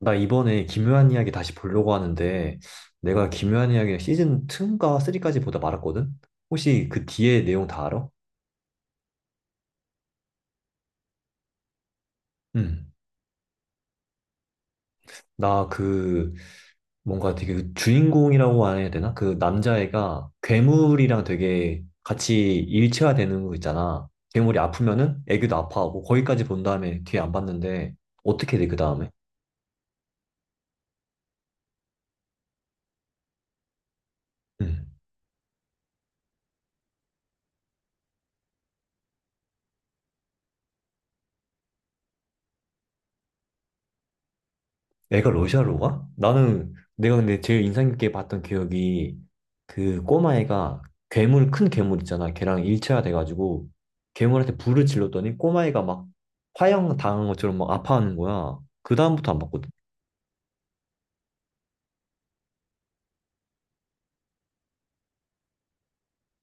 나 이번에 기묘한 이야기 다시 보려고 하는데, 내가 기묘한 이야기 시즌 2인가 3까지 보다 말았거든? 혹시 그 뒤에 내용 다 알아? 응. 나 뭔가 되게 주인공이라고 해야 되나? 그 남자애가 괴물이랑 되게 같이 일체화되는 거 있잖아. 괴물이 아프면은 애교도 아파하고, 거기까지 본 다음에 뒤에 안 봤는데, 어떻게 돼, 그 다음에? 애가 러시아로 가? 나는 내가 근데 제일 인상 깊게 봤던 기억이 그 꼬마애가 괴물 큰 괴물 있잖아. 걔랑 일체화 돼가지고 괴물한테 불을 질렀더니 꼬마애가 막 화형 당한 것처럼 막 아파하는 거야. 그 다음부터 안 봤거든.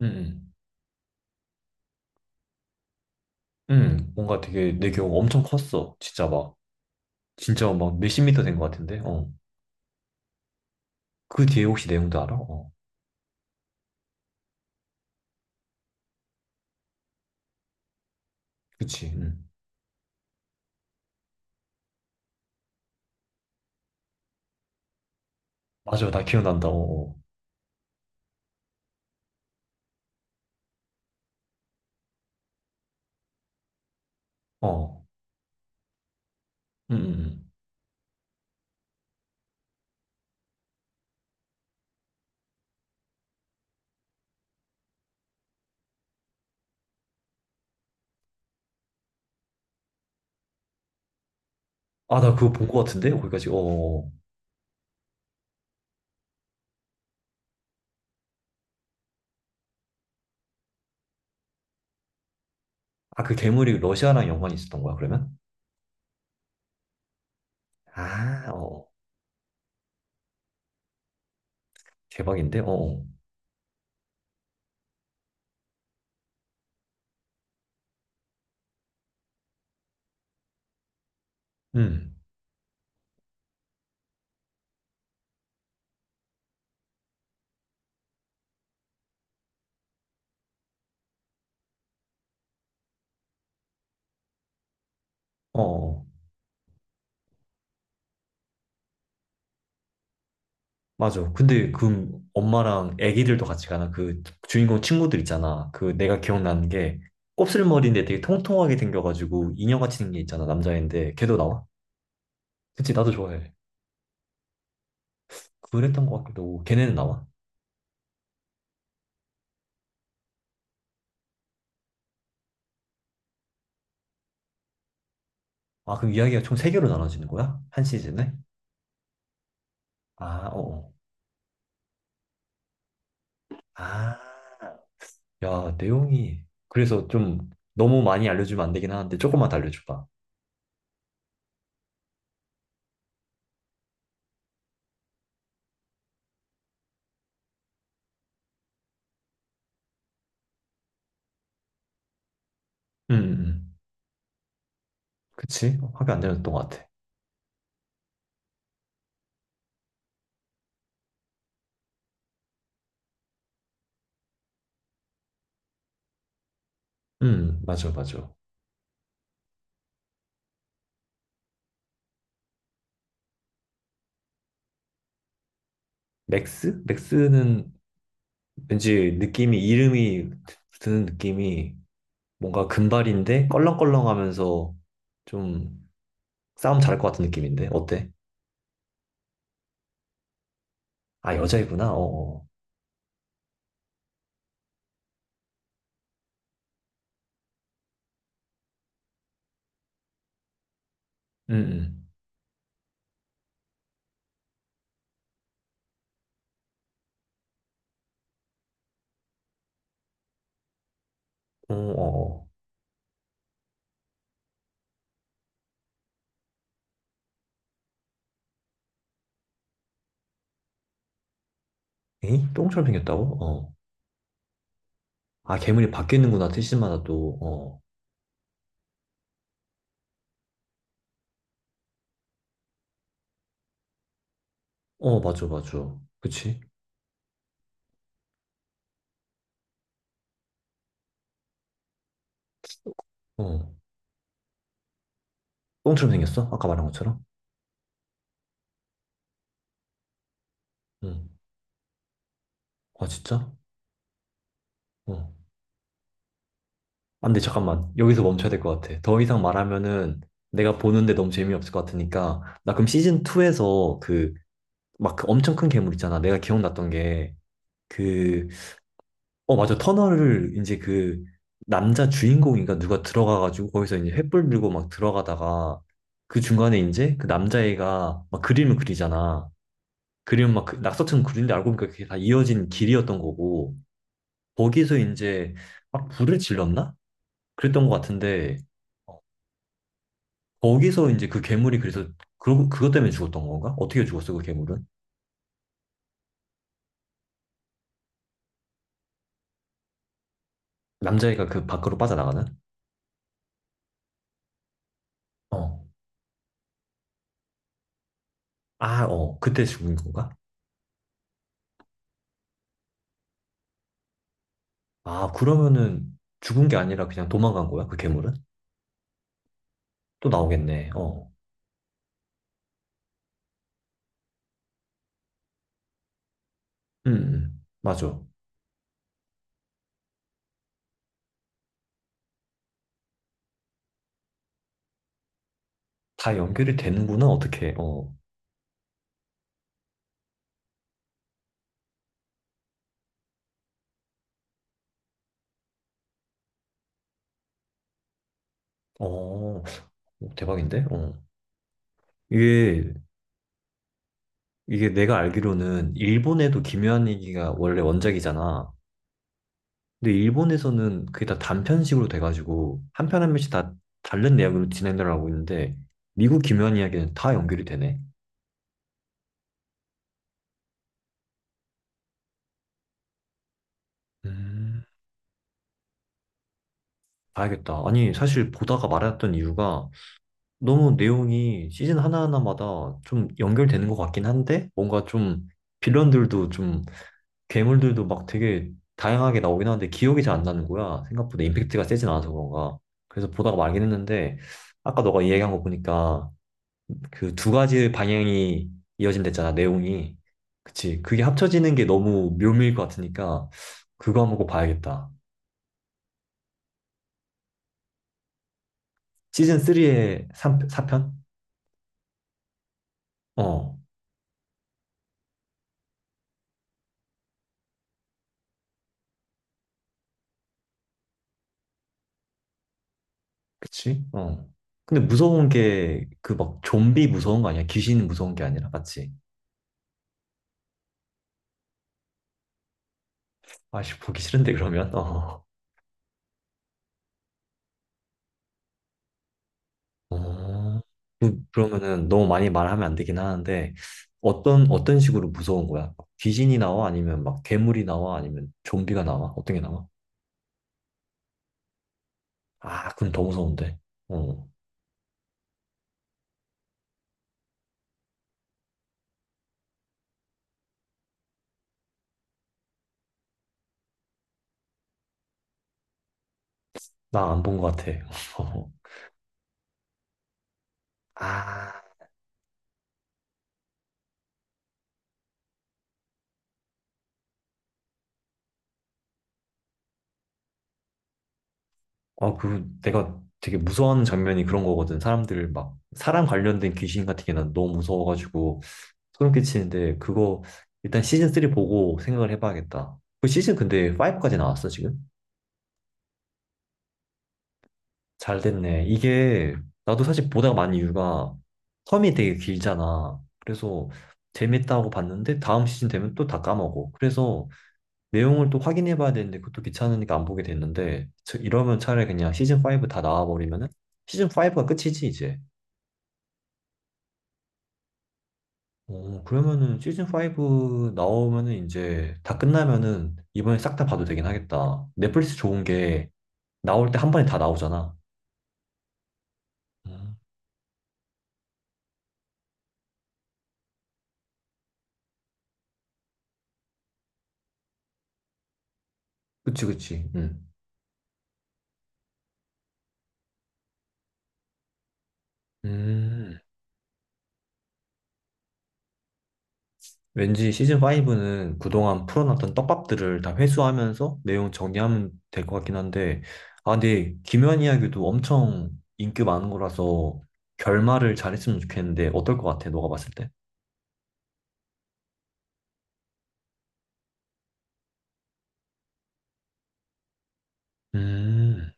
응, 응. 응, 뭔가 되게 내 기억 엄청 컸어. 진짜 막 몇십 미터 된 것 같은데. 어. 그 뒤에 혹시 내용도 알아? 어. 그치. 응. 맞아. 나 기억난다. 어. 어. 어. 응, 응. 응. 아, 나 그거 본 것 같은데? 거기까지. 어. 어, 어. 아, 그 괴물이 러시아랑 연관이 있었던 거야, 그러면? 아, 어, 대박인데? 어, 어. 음, 어, 어. 맞아. 근데 그 엄마랑 애기들도 같이 가나? 그 주인공 친구들 있잖아. 그 내가 기억나는 게 곱슬머리인데 되게 통통하게 생겨가지고 인형같이 생긴 게 있잖아, 남자인데. 걔도 나와? 그치, 나도 좋아해. 그랬던 것 같기도 하고. 걔네는 나와. 아, 그럼 이야기가 총 세개로 나눠지는 거야? 한 시즌에? 아, 어, 어. 아, 야, 내용이. 그래서 좀 너무 많이 알려주면 안 되긴 하는데 조금만 더 알려줘봐. 음, 음. 그치? 화가 안 되는 것 같아. 맞아, 맞아. 맥스? 맥스는 왠지 느낌이, 이름이 드는 느낌이 뭔가 금발인데 껄렁껄렁하면서 좀 싸움 잘할 것 같은 느낌인데? 어때? 아, 여자이구나? 어어. 응, 응. 어어. 에이? 똥처럼 생겼다고? 어. 아, 괴물이 바뀌는구나, 티슈마다 또. 어. 어, 맞아, 맞아. 그치? 어. 똥처럼 생겼어? 아까 말한 것처럼? 응. 아, 진짜? 어. 안 근데 잠깐만. 여기서 멈춰야 될 것 같아. 더 이상 말하면은 내가 보는데 너무 재미없을 것 같으니까. 나 그럼 시즌2에서 막그 엄청 큰 괴물 있잖아. 내가 기억났던 게 그, 어, 맞아. 터널을 이제 그 남자 주인공인가 누가 들어가가지고 거기서 이제 횃불 들고 막 들어가다가 그 중간에 이제 그 남자애가 막 그림을 그리잖아. 그림은 막그 낙서처럼 그리는데 알고 보니까 그게 다 이어진 길이었던 거고 거기서 이제 막 불을 질렀나? 그랬던 것 같은데 어, 거기서 이제 그 괴물이 그래서 그 그것 때문에 죽었던 건가? 어떻게 죽었어 그 괴물은? 남자애가 그 밖으로 빠져나가는? 어. 아, 어. 그때 죽은 건가? 아, 그러면은 죽은 게 아니라 그냥 도망간 거야 그 괴물은? 또 나오겠네. 어. 맞아. 다 연결이 되는구나 어떻게? 어. 어. 대박인데? 어. 이게 이게 내가 알기로는 일본에도 김요한 얘기가 원래 원작이잖아. 근데 일본에서는 그게 다 단편식으로 돼가지고 한편 한 편씩 다 다른 내용으로 진행을 하고 있는데 미국 기묘한 이야기는 다 연결이 되네. 음, 봐야겠다. 아니 사실 보다가 말았던 이유가 너무 내용이 시즌 하나하나마다 좀 연결되는 것 같긴 한데 뭔가 좀 빌런들도 좀 괴물들도 막 되게 다양하게 나오긴 하는데 기억이 잘 안 나는 거야. 생각보다 임팩트가 세진 않아서 그런가. 그래서 보다가 말긴 했는데 아까 너가 얘기한 거 보니까 그 두 가지 방향이 이어진댔잖아, 내용이. 그치. 그게 합쳐지는 게 너무 묘미일 것 같으니까, 그거 한번 꼭 봐야겠다. 시즌 3의 4편? 어. 그치? 어. 근데 무서운 게, 그 막 좀비 무서운 거 아니야? 귀신 무서운 게 아니라, 맞지? 아씨, 보기 싫은데, 그러면? 어. 어. 그러면은 너무 많이 말하면 안 되긴 하는데, 어떤, 어떤 식으로 무서운 거야? 귀신이 나와? 아니면 막 괴물이 나와? 아니면 좀비가 나와? 어떤 게 나와? 아, 그건 더 무서운데. 어, 나 안 본 것 같아. 어. 아, 어, 그 내가 되게 무서워하는 장면이 그런 거거든. 사람들 막 사람 관련된 귀신 같은 게 난 너무 무서워가지고 소름 끼치는데 그거 일단 시즌 3 보고 생각을 해봐야겠다. 그 시즌 근데 5까지 나왔어 지금? 잘 됐네. 이게 나도 사실 보다가 많은 이유가 텀이 되게 길잖아. 그래서 재밌다고 봤는데 다음 시즌 되면 또 다 까먹어. 그래서 내용을 또 확인해 봐야 되는데 그것도 귀찮으니까 안 보게 됐는데 이러면 차라리 그냥 시즌 5 다 나와 버리면은 시즌 5가 끝이지 이제. 어, 그러면은 시즌 5 나오면은 이제 다 끝나면은 이번에 싹 다 봐도 되긴 하겠다. 넷플릭스 좋은 게 나올 때 한 번에 다 나오잖아. 음, 그치 그치. 음. 음. 왠지 시즌5는 그동안 풀어놨던 떡밥들을 다 회수하면서 내용 정리하면 될 것 같긴 한데, 아, 근데 김연 이야기도 엄청 인기 많은 거라서 결말을 잘했으면 좋겠는데, 어떨 것 같아, 너가 봤을 때? 음.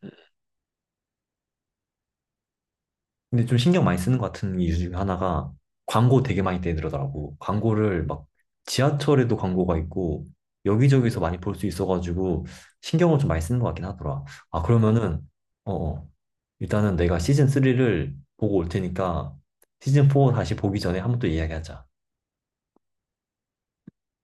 근데 좀 신경 많이 쓰는 것 같은 이유 중에 하나가 광고 되게 많이 떼들어 더라고 광고를 막 지하철에도 광고가 있고 여기저기서 많이 볼 수 있어가지고 신경을 좀 많이 쓰는 것 같긴 하더라. 아, 그러면은, 어, 어. 일단은 내가 시즌 3를 보고 올 테니까 시즌 4 다시 보기 전에 한번 또 이야기하자.